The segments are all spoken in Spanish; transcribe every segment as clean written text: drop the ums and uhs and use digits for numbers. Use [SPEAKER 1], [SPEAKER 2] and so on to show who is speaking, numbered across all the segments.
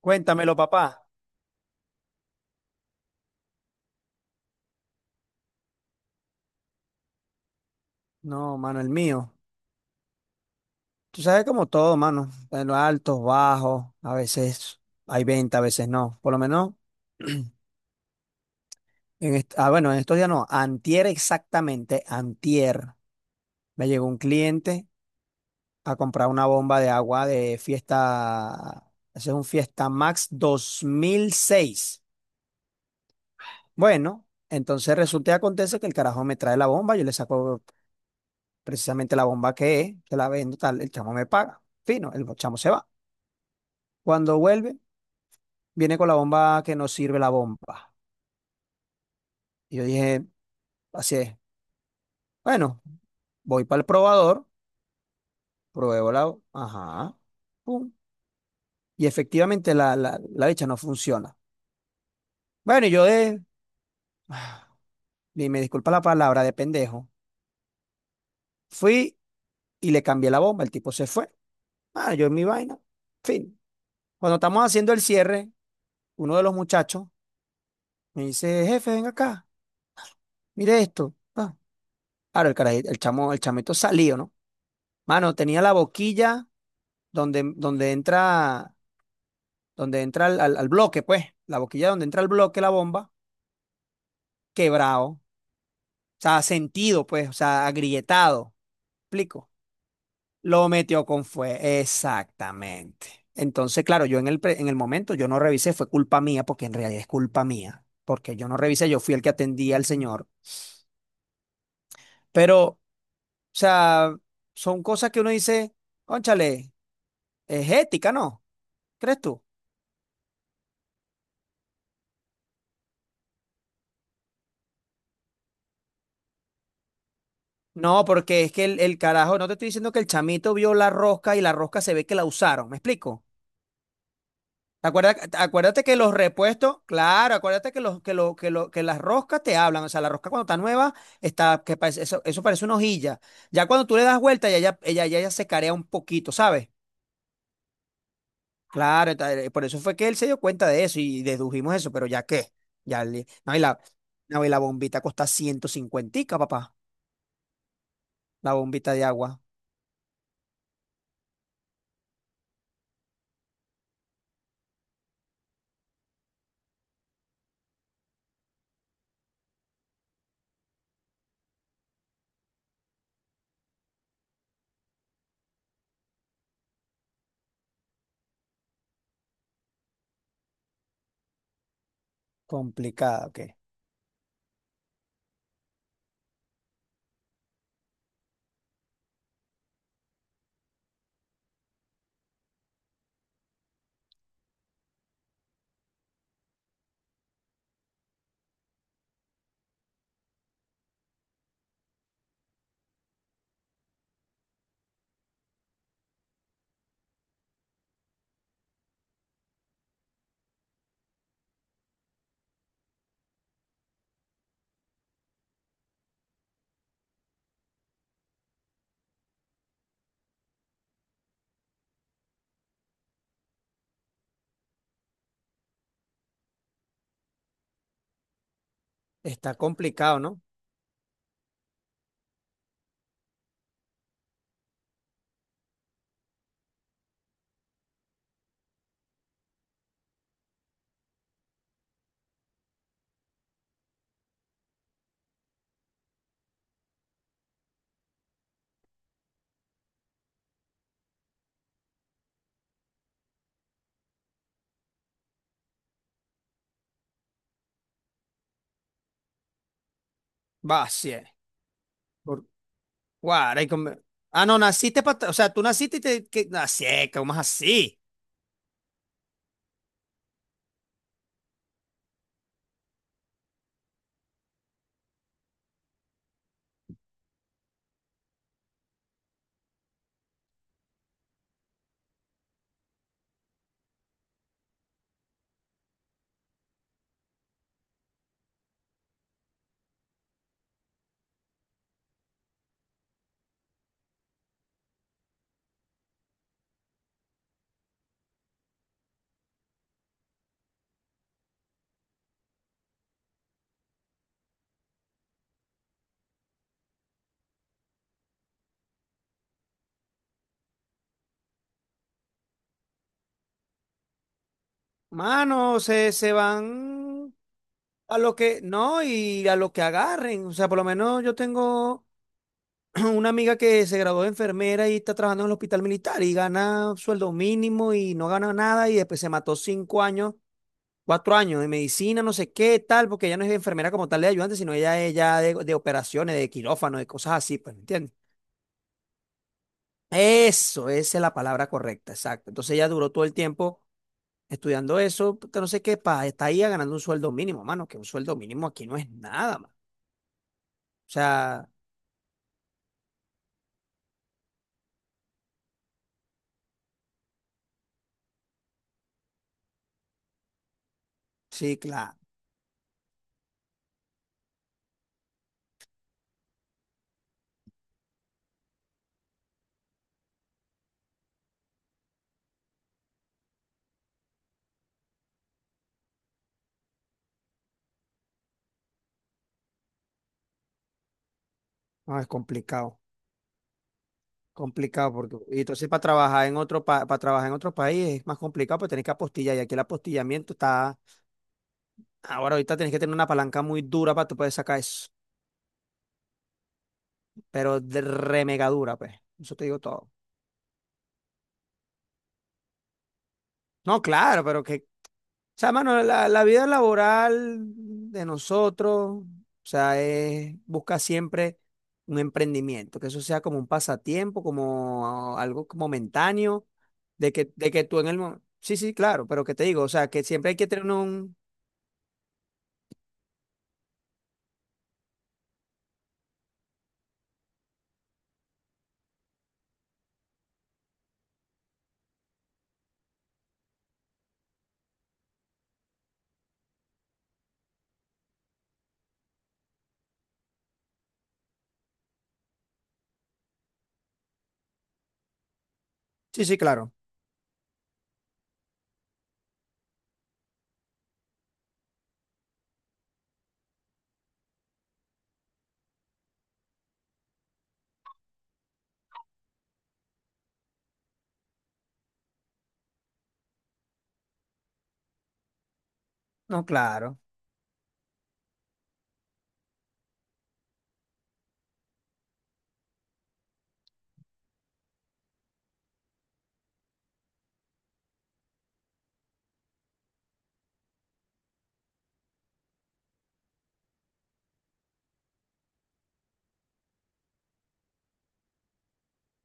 [SPEAKER 1] Cuéntamelo, papá. No, mano, el mío. Tú sabes, como todo, mano. En los altos, bajos, a veces hay venta, a veces no. Por lo menos, bueno, en estos días no. Antier exactamente, antier. Me llegó un cliente a comprar una bomba de agua de fiesta. Ese es un Fiesta Max 2006. Bueno, entonces resulta y acontece que el carajo me trae la bomba. Yo le saco precisamente la bomba que es, que la vendo, tal. El chamo me paga, fino, el chamo se va. Cuando vuelve, viene con la bomba que no sirve la bomba. Y yo dije, así es. Bueno, voy para el probador, pruebo la, ajá, pum. Y efectivamente la bicha no funciona. Bueno, y yo de, y me disculpa la palabra, de pendejo, fui y le cambié la bomba, el tipo se fue. Ah, yo en mi vaina. Fin. Cuando estamos haciendo el cierre, uno de los muchachos me dice, jefe, ven acá, mire esto. Ah, ahora el carajito, el chamo, el chamito salió, ¿no? Mano, tenía la boquilla donde, donde entra donde entra al bloque, pues, la boquilla donde entra el bloque, la bomba, quebrado, o sea, sentido, pues, o sea, agrietado. ¿Explico? Lo metió con fuego, exactamente. Entonces, claro, yo en el momento yo no revisé, fue culpa mía, porque en realidad es culpa mía, porque yo no revisé, yo fui el que atendía al señor, pero, o sea, son cosas que uno dice, cónchale, es ética, ¿no? ¿Crees tú? No, porque es que el carajo, no te estoy diciendo que el chamito vio la rosca y la rosca se ve que la usaron, ¿me explico? Acuérdate que los repuestos, claro, acuérdate que los, que lo, que lo, que las roscas te hablan. O sea, la rosca cuando está nueva, está, eso parece una hojilla. Ya cuando tú le das vuelta, ella, ya se carea un poquito, ¿sabes? Claro, por eso fue que él se dio cuenta de eso y dedujimos eso, pero ya qué, ya le- no, y la, no, y la bombita cuesta ciento cincuentica, papá. La bombita de agua. Complicada, ok. Está complicado, ¿no? Va, sí. Guaray, ah, no, naciste para. O sea, tú naciste y te. Que. Así, como es así. Mano, se van a lo que. No, y a lo que agarren. O sea, por lo menos yo tengo una amiga que se graduó de enfermera y está trabajando en el hospital militar y gana sueldo mínimo y no gana nada, y después se mató 5 años, 4 años de medicina, no sé qué, tal, porque ella no es enfermera como tal de ayudante, sino ella es ya de, operaciones, de quirófano, de cosas así, pues, ¿me entiendes? Eso, esa es la palabra correcta, exacto. Entonces ella duró todo el tiempo estudiando eso, que no sé qué, pa, está ahí ganando un sueldo mínimo, mano, que un sueldo mínimo aquí no es nada, mano. O sea, sí, claro, no, es complicado, complicado, porque, y entonces para trabajar en otro, para trabajar en otro país es más complicado, porque tenés que apostillar, y aquí el apostillamiento está, ahora ahorita tenés que tener una palanca muy dura para tú poder sacar eso, pero de re mega dura, pues, eso te digo todo. No, claro, pero que, o sea, mano, la vida laboral de nosotros, o sea, es buscar siempre un emprendimiento, que eso sea como un pasatiempo, como algo momentáneo, de que tú en el momento. Sí, sí, claro, pero que te digo, o sea, que siempre hay que tener un. Sí, sí, claro. No, claro.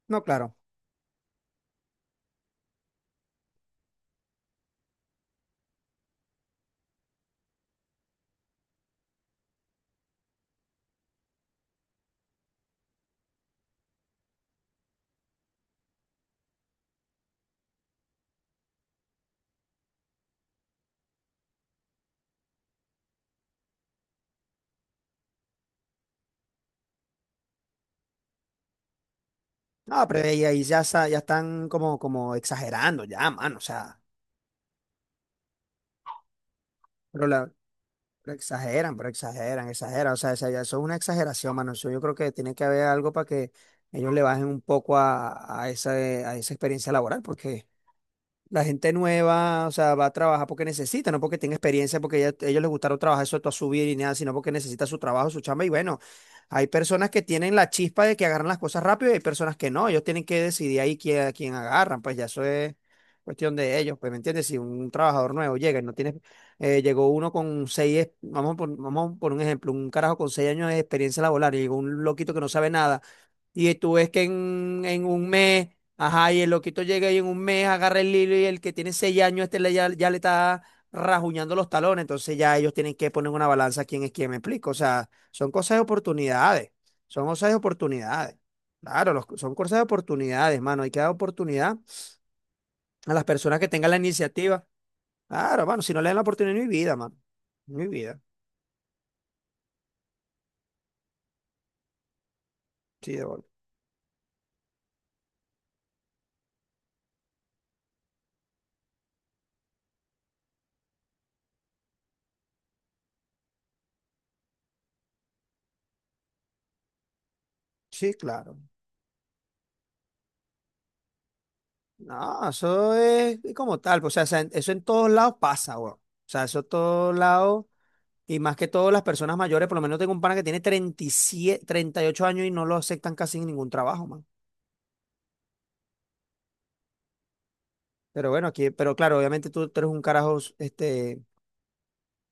[SPEAKER 1] No, claro. No, pero ahí, ahí ya, ya están como, como exagerando, ya, mano, o sea. Pero la, pero exageran, pero exageran, exageran. O sea, ya eso es una exageración, mano. Eso, yo creo que tiene que haber algo para que ellos le bajen un poco a, a esa experiencia laboral, porque la gente nueva, o sea, va a trabajar porque necesita, no porque tenga experiencia, porque ellos les gustaron trabajar eso a subir y nada, sino porque necesita su trabajo, su chamba. Y bueno, hay personas que tienen la chispa de que agarran las cosas rápido y hay personas que no. Ellos tienen que decidir ahí quién, a quién agarran, pues ya eso es cuestión de ellos. Pues, ¿me entiendes? Si un trabajador nuevo llega y no tiene, llegó uno con seis, vamos por un ejemplo, un carajo con 6 años de experiencia laboral y llegó un loquito que no sabe nada y tú ves que en un mes, ajá, y el loquito llega y en un mes agarra el hilo, y el que tiene 6 años, este le, ya le está rajuñando los talones. Entonces ya ellos tienen que poner una balanza quién es quién, me explico. O sea, son cosas de oportunidades. Son cosas de oportunidades. Claro, son cosas de oportunidades, mano. Hay que dar oportunidad a las personas que tengan la iniciativa. Claro, mano, si no le dan la oportunidad, no hay vida, mano. No hay vida. Sí, de bola. Sí, claro. No, eso es como tal, pues, o sea, eso en todos lados pasa, güey. O sea, eso en todos lados, y más que todo las personas mayores, por lo menos tengo un pana que tiene 37, 38 años y no lo aceptan casi en ningún trabajo, man. Pero bueno, aquí, pero claro, obviamente tú eres un carajo, este,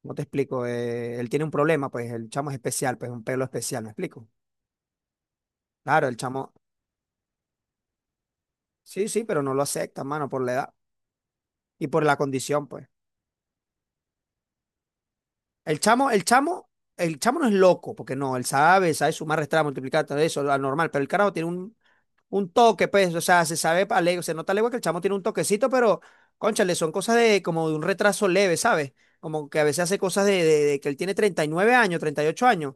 [SPEAKER 1] ¿cómo te explico? Él tiene un problema, pues el chamo es especial, pues un pelo especial, ¿me explico? Claro, el chamo, sí, sí, pero no lo acepta, mano, por la edad y por la condición, pues. El chamo, el chamo, el chamo no es loco, porque no, él sabe, sabe sumar, restar, multiplicar, todo eso, lo normal, pero el carajo tiene un toque, pues, o sea, se sabe, se nota legua que el chamo tiene un toquecito, pero cónchale, son cosas de como de un retraso leve, ¿sabes? Como que a veces hace cosas de, de que él tiene 39 años, 38 años,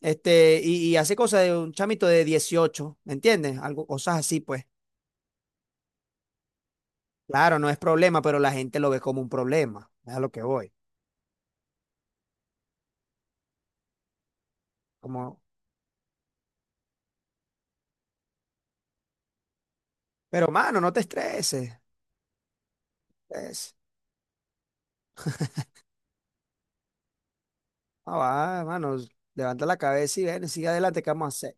[SPEAKER 1] este, y hace cosas de un chamito de 18. ¿Me entiendes? Algo, cosas así, pues. Claro, no es problema, pero la gente lo ve como un problema, es a lo que voy. Como, pero mano, no te estreses. es- Ah, va, hermano, levanta la cabeza y ven, sigue adelante. ¿Qué vamos a hacer?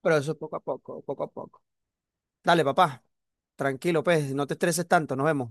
[SPEAKER 1] Pero eso es poco a poco, poco a poco. Dale, papá, tranquilo, pues, no te estreses tanto, nos vemos.